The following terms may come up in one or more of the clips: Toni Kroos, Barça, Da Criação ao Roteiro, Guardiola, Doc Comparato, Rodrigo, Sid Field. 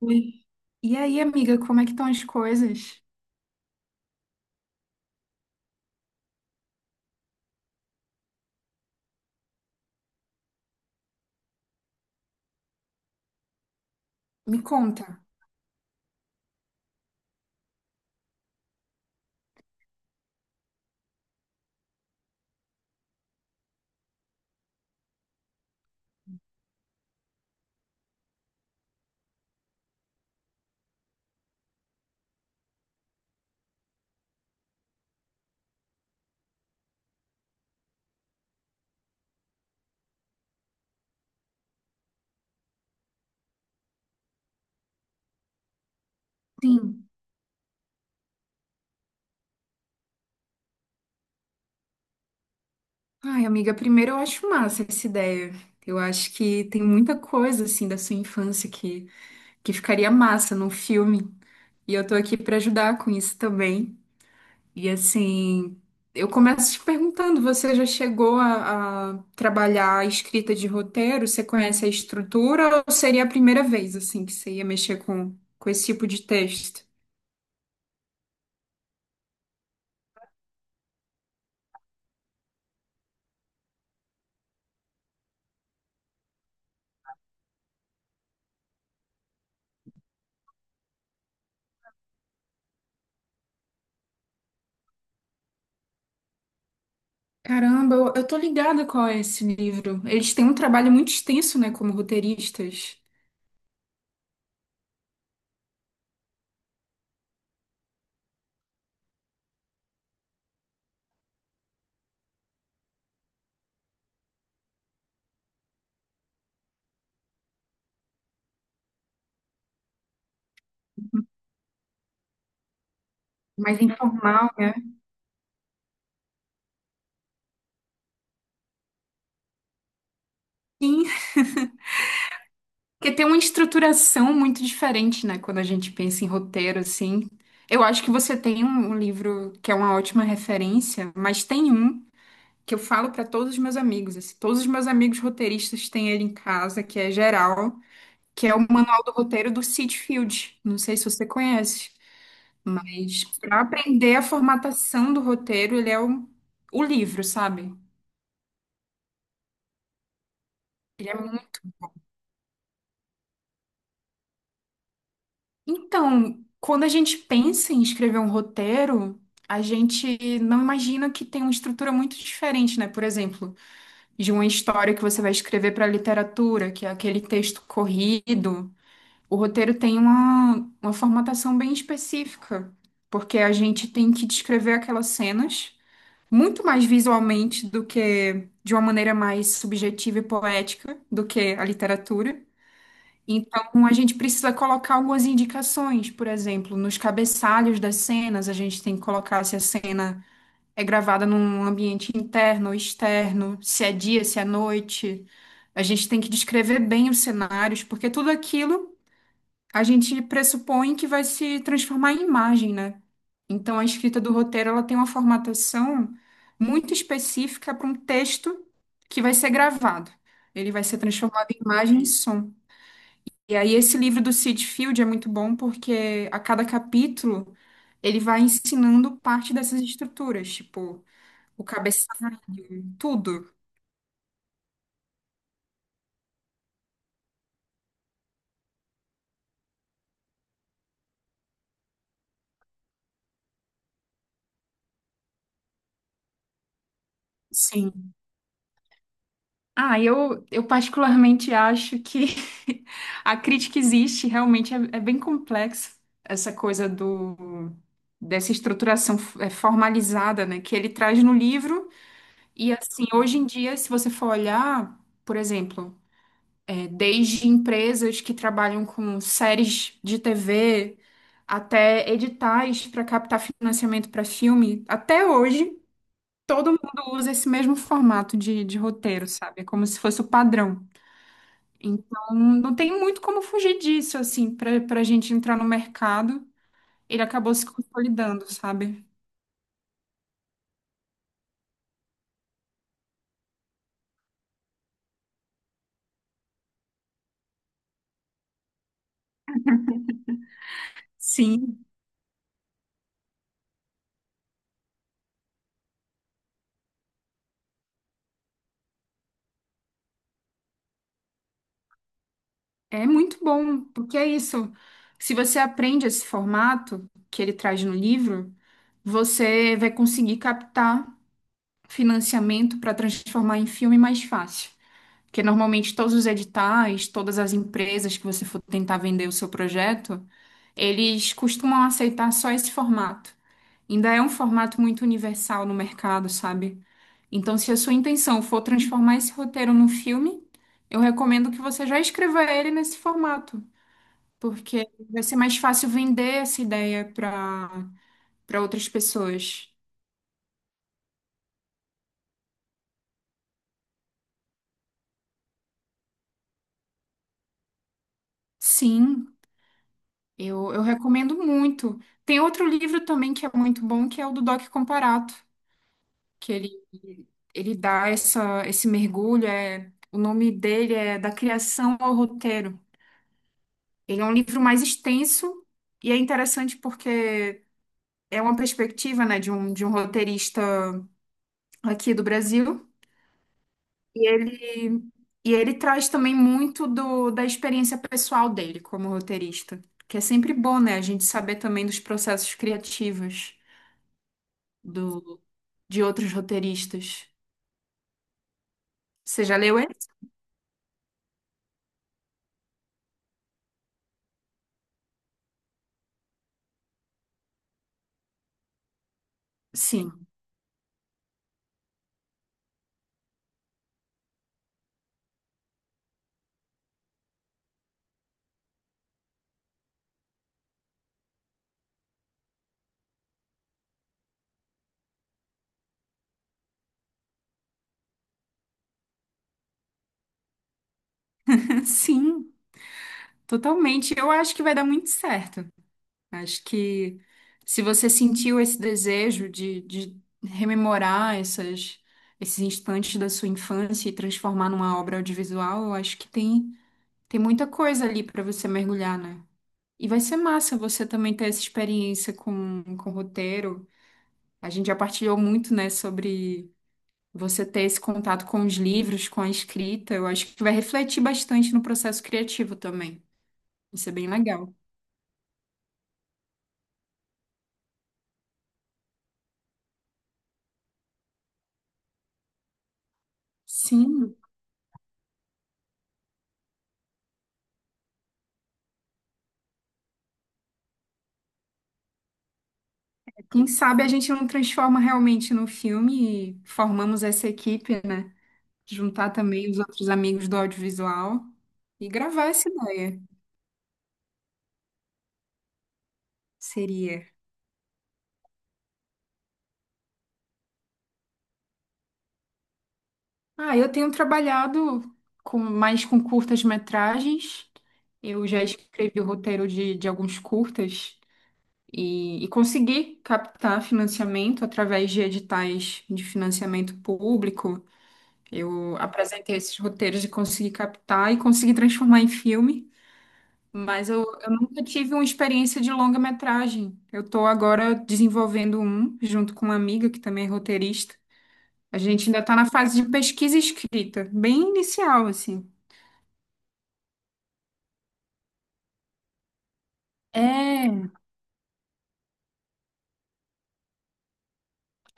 Oi. E aí, amiga, como é que estão as coisas? Me conta. Sim. Ai, amiga, primeiro eu acho massa essa ideia. Eu acho que tem muita coisa, assim, da sua infância que ficaria massa num filme. E eu tô aqui pra ajudar com isso também. E, assim, eu começo te perguntando, você já chegou a trabalhar a escrita de roteiro? Você conhece a estrutura ou seria a primeira vez, assim, que você ia mexer com esse tipo de texto? Caramba, eu tô ligada qual é esse livro. Eles têm um trabalho muito extenso, né, como roteiristas, mais informal, né? Sim, porque tem uma estruturação muito diferente, né, quando a gente pensa em roteiro, assim. Eu acho que você tem um livro que é uma ótima referência, mas tem um que eu falo para todos os meus amigos, assim, todos os meus amigos roteiristas têm ele em casa, que é geral, que é o Manual do Roteiro do Sitfield. Não sei se você conhece. Mas para aprender a formatação do roteiro, ele é o livro, sabe? Ele é muito... Então, quando a gente pensa em escrever um roteiro, a gente não imagina que tem uma estrutura muito diferente, né? Por exemplo, de uma história que você vai escrever para literatura, que é aquele texto corrido. O roteiro tem uma formatação bem específica, porque a gente tem que descrever aquelas cenas, muito mais visualmente do que de uma maneira mais subjetiva e poética do que a literatura. Então, a gente precisa colocar algumas indicações, por exemplo, nos cabeçalhos das cenas. A gente tem que colocar se a cena é gravada num ambiente interno ou externo, se é dia, se é noite. A gente tem que descrever bem os cenários, porque tudo aquilo a gente pressupõe que vai se transformar em imagem, né? Então, a escrita do roteiro, ela tem uma formatação muito específica para um texto que vai ser gravado. Ele vai ser transformado em imagem e som. E aí, esse livro do Sid Field é muito bom porque a cada capítulo ele vai ensinando parte dessas estruturas, tipo o cabeçalho, tudo. Sim. Ah, eu particularmente acho que a crítica existe, realmente é bem complexo essa coisa do dessa estruturação formalizada, né, que ele traz no livro. E assim, hoje em dia, se você for olhar, por exemplo, desde empresas que trabalham com séries de TV até editais para captar financiamento para filme, até hoje todo mundo usa esse mesmo formato de roteiro, sabe? É como se fosse o padrão. Então, não tem muito como fugir disso, assim, para a gente entrar no mercado. Ele acabou se consolidando, sabe? Sim, é muito bom, porque é isso. Se você aprende esse formato que ele traz no livro, você vai conseguir captar financiamento para transformar em filme mais fácil. Porque normalmente todos os editais, todas as empresas que você for tentar vender o seu projeto, eles costumam aceitar só esse formato. Ainda é um formato muito universal no mercado, sabe? Então, se a sua intenção for transformar esse roteiro num filme, eu recomendo que você já escreva ele nesse formato, porque vai ser mais fácil vender essa ideia para outras pessoas. Sim, eu recomendo muito. Tem outro livro também que é muito bom, que é o do Doc Comparato, que ele dá essa, esse mergulho, é, o nome dele é Da Criação ao Roteiro. Ele é um livro mais extenso e é interessante porque é uma perspectiva, né, de um roteirista aqui do Brasil. E ele, e ele traz também muito do, da experiência pessoal dele como roteirista, que é sempre bom, né, a gente saber também dos processos criativos do, de outros roteiristas. Você já leu ele? Sim, sim, totalmente. Eu acho que vai dar muito certo. Acho que se você sentiu esse desejo de rememorar essas, esses instantes da sua infância e transformar numa obra audiovisual, eu acho que tem, tem muita coisa ali para você mergulhar, né? E vai ser massa você também ter essa experiência com roteiro. A gente já partilhou muito, né, sobre você ter esse contato com os livros, com a escrita. Eu acho que vai refletir bastante no processo criativo também. Isso é bem legal. Sim. Quem sabe a gente não transforma realmente no filme e formamos essa equipe, né? Juntar também os outros amigos do audiovisual e gravar essa ideia. Seria. Ah, eu tenho trabalhado com mais com curtas-metragens. Eu já escrevi o roteiro de alguns curtas e consegui captar financiamento através de editais de financiamento público. Eu apresentei esses roteiros e consegui captar e consegui transformar em filme. Mas eu nunca tive uma experiência de longa-metragem. Eu estou agora desenvolvendo um, junto com uma amiga que também é roteirista. A gente ainda está na fase de pesquisa e escrita, bem inicial, assim.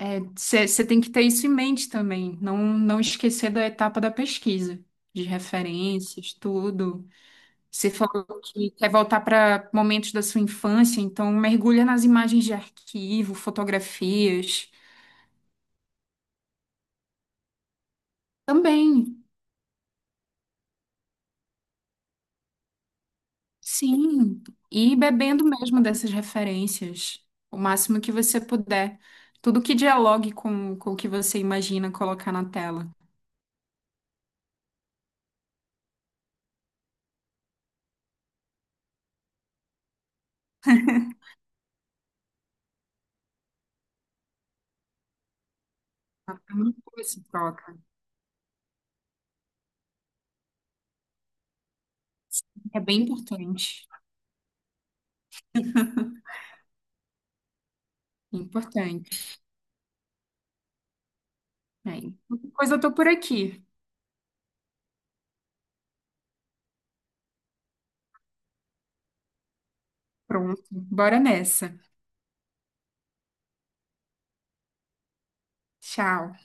É, você tem que ter isso em mente também, não esquecer da etapa da pesquisa, de referências, tudo. Você falou que quer voltar para momentos da sua infância, então mergulha nas imagens de arquivo, fotografias. Também. Sim, e bebendo mesmo dessas referências, o máximo que você puder. Tudo que dialogue com o que você imagina colocar na tela. É muito boa essa troca. É bem importante. Importante. Bem, qualquer coisa eu tô por aqui. Pronto, bora nessa. Tchau.